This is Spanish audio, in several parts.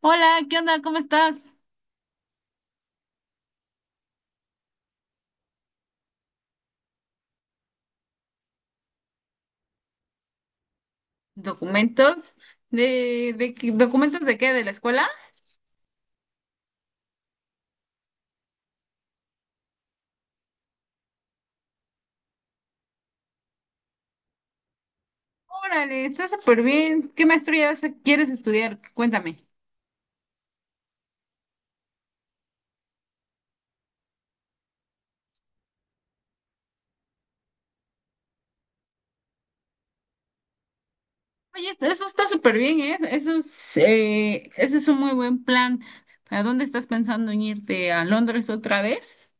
Hola, ¿qué onda? ¿Cómo estás? ¿Documentos? Documentos de qué? ¿De la escuela? Órale, está súper bien. ¿Qué maestría quieres estudiar? Cuéntame. Oye, eso está súper bien, ¿eh? Ese es un muy buen plan. ¿A dónde estás pensando en irte? ¿A Londres otra vez?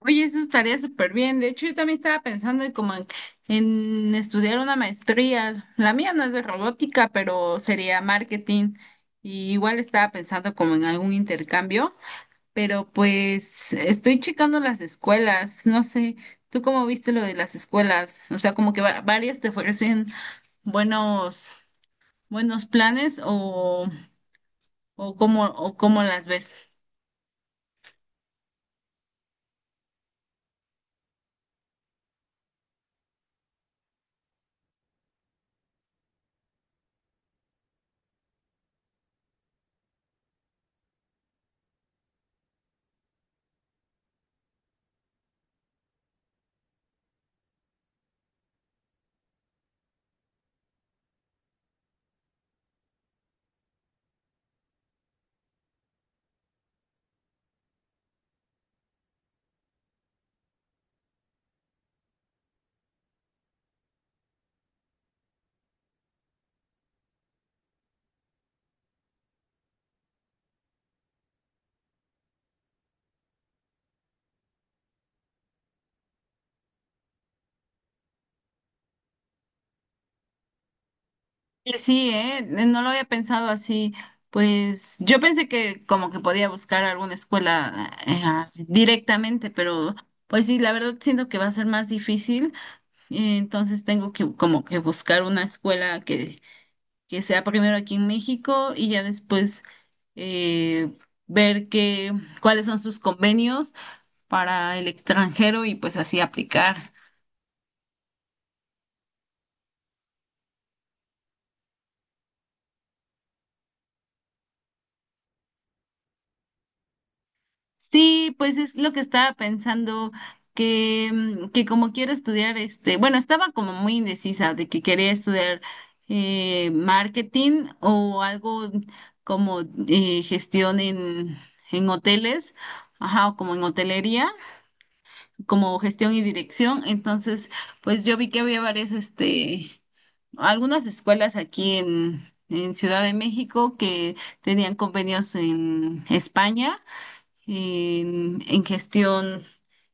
Oye, eso estaría súper bien. De hecho, yo también estaba pensando en como en estudiar una maestría. La mía no es de robótica, pero sería marketing. Y igual estaba pensando como en algún intercambio. Pero pues estoy checando las escuelas, no sé, ¿tú cómo viste lo de las escuelas? O sea, como que varias te ofrecen buenos, buenos planes o cómo las ves. Y sí, no lo había pensado así. Pues yo pensé que como que podía buscar alguna escuela directamente, pero pues sí, la verdad siento que va a ser más difícil, entonces tengo que como que buscar una escuela que sea primero aquí en México y ya después, eh, ver cuáles son sus convenios para el extranjero y pues así aplicar. Sí, pues es lo que estaba pensando que como quiero estudiar bueno, estaba como muy indecisa de que quería estudiar, marketing o algo como, gestión en hoteles, ajá, o como en hotelería, como gestión y dirección. Entonces, pues yo vi que había varias, algunas escuelas aquí en Ciudad de México que tenían convenios en España, en gestión,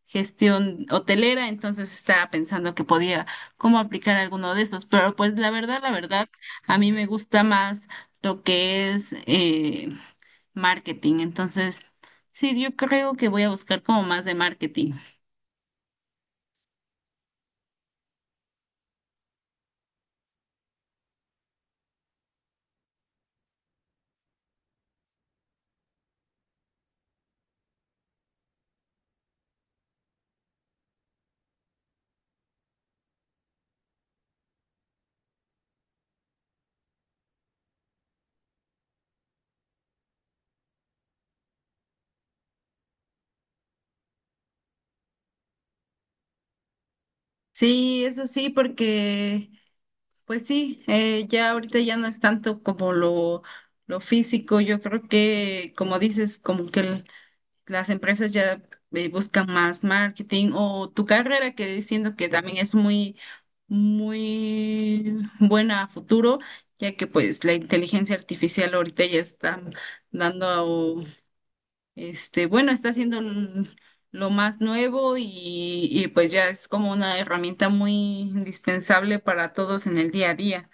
gestión hotelera. Entonces estaba pensando que podía cómo aplicar alguno de estos. Pero pues la verdad, a mí me gusta más lo que es, marketing. Entonces, sí, yo creo que voy a buscar como más de marketing. Sí, eso sí, porque pues sí, ya ahorita ya no es tanto como lo físico. Yo creo que, como dices, como que las empresas ya, buscan más marketing, o tu carrera, que diciendo que también es muy, muy buena a futuro, ya que pues la inteligencia artificial ahorita ya está dando este, bueno, está haciendo lo más nuevo, y pues ya es como una herramienta muy indispensable para todos en el día a día.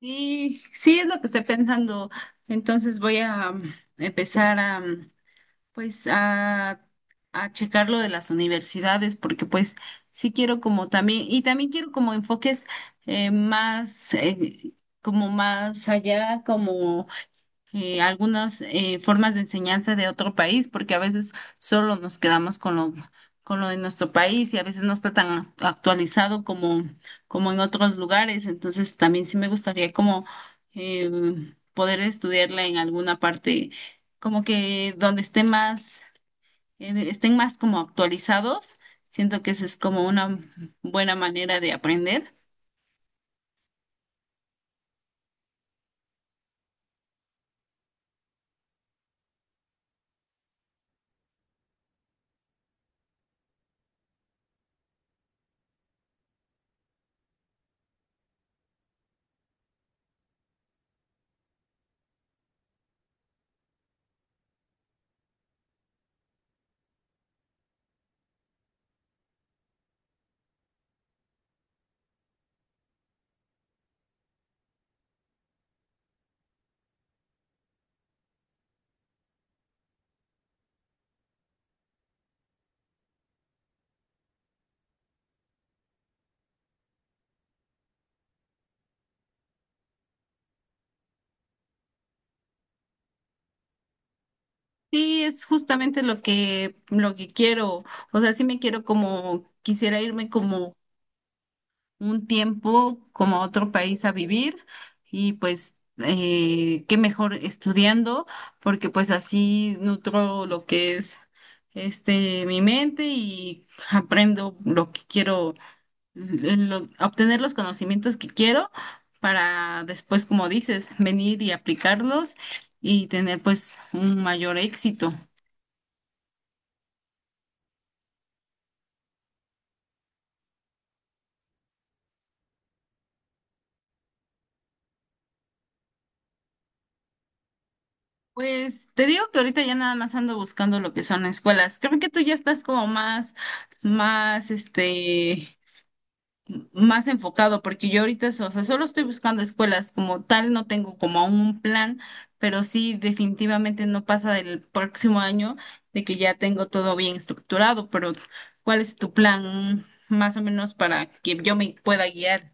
Y sí, es lo que estoy pensando. Entonces voy a, empezar a, pues, a checar lo de las universidades, porque pues sí quiero como también, y también quiero como enfoques, más, como más allá, como, algunas, formas de enseñanza de otro país, porque a veces solo nos quedamos con lo de nuestro país y a veces no está tan actualizado como en otros lugares. Entonces también sí me gustaría como, eh, poder estudiarla en alguna parte, como que donde estén más como actualizados. Siento que esa es como una buena manera de aprender. Sí, es justamente lo que quiero. O sea, sí quisiera irme como un tiempo, como a otro país a vivir y pues, qué mejor estudiando, porque pues así nutro lo que es mi mente y aprendo lo que quiero, obtener los conocimientos que quiero para después, como dices, venir y aplicarlos y tener pues un mayor éxito. Pues te digo que ahorita ya nada más ando buscando lo que son escuelas. Creo que tú ya estás como más, este, más enfocado, porque yo ahorita, o sea, solo estoy buscando escuelas como tal, no tengo como aún un plan, pero sí definitivamente no pasa del próximo año de que ya tengo todo bien estructurado, pero ¿cuál es tu plan más o menos para que yo me pueda guiar?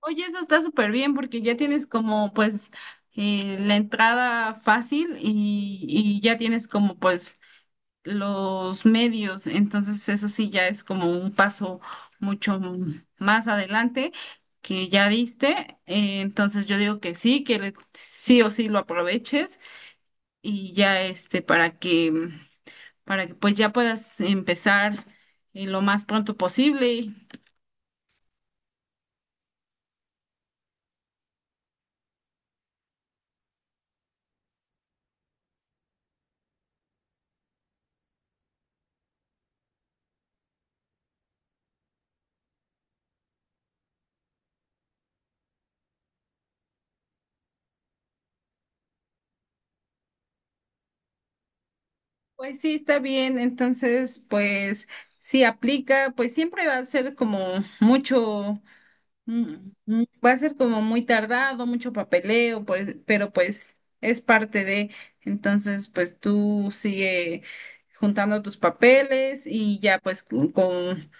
Oye, eso está súper bien porque ya tienes como pues, la entrada fácil, y ya tienes como pues los medios, entonces eso sí ya es como un paso mucho, más adelante que ya diste. Entonces yo digo que sí, que sí o sí lo aproveches, y ya este para que, para que pues ya puedas empezar, lo más pronto posible. Pues sí, está bien. Entonces, pues sí aplica, pues siempre va a ser como mucho, mm, va a ser como muy tardado, mucho papeleo, pues, pero pues es parte de, entonces, pues tú sigue juntando tus papeles y ya pues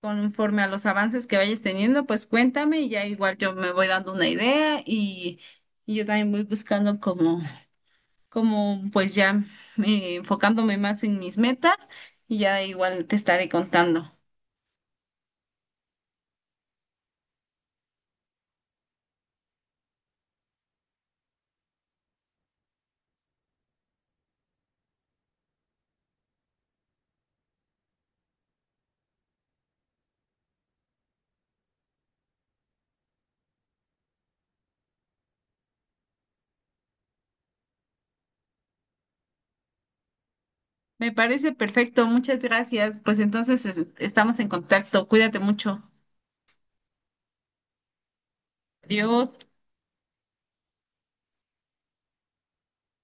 conforme a los avances que vayas teniendo, pues cuéntame y ya igual yo me voy dando una idea, y yo también voy buscando como pues ya, enfocándome más en mis metas, y ya igual te estaré contando. Me parece perfecto, muchas gracias. Pues entonces estamos en contacto. Cuídate mucho. Adiós.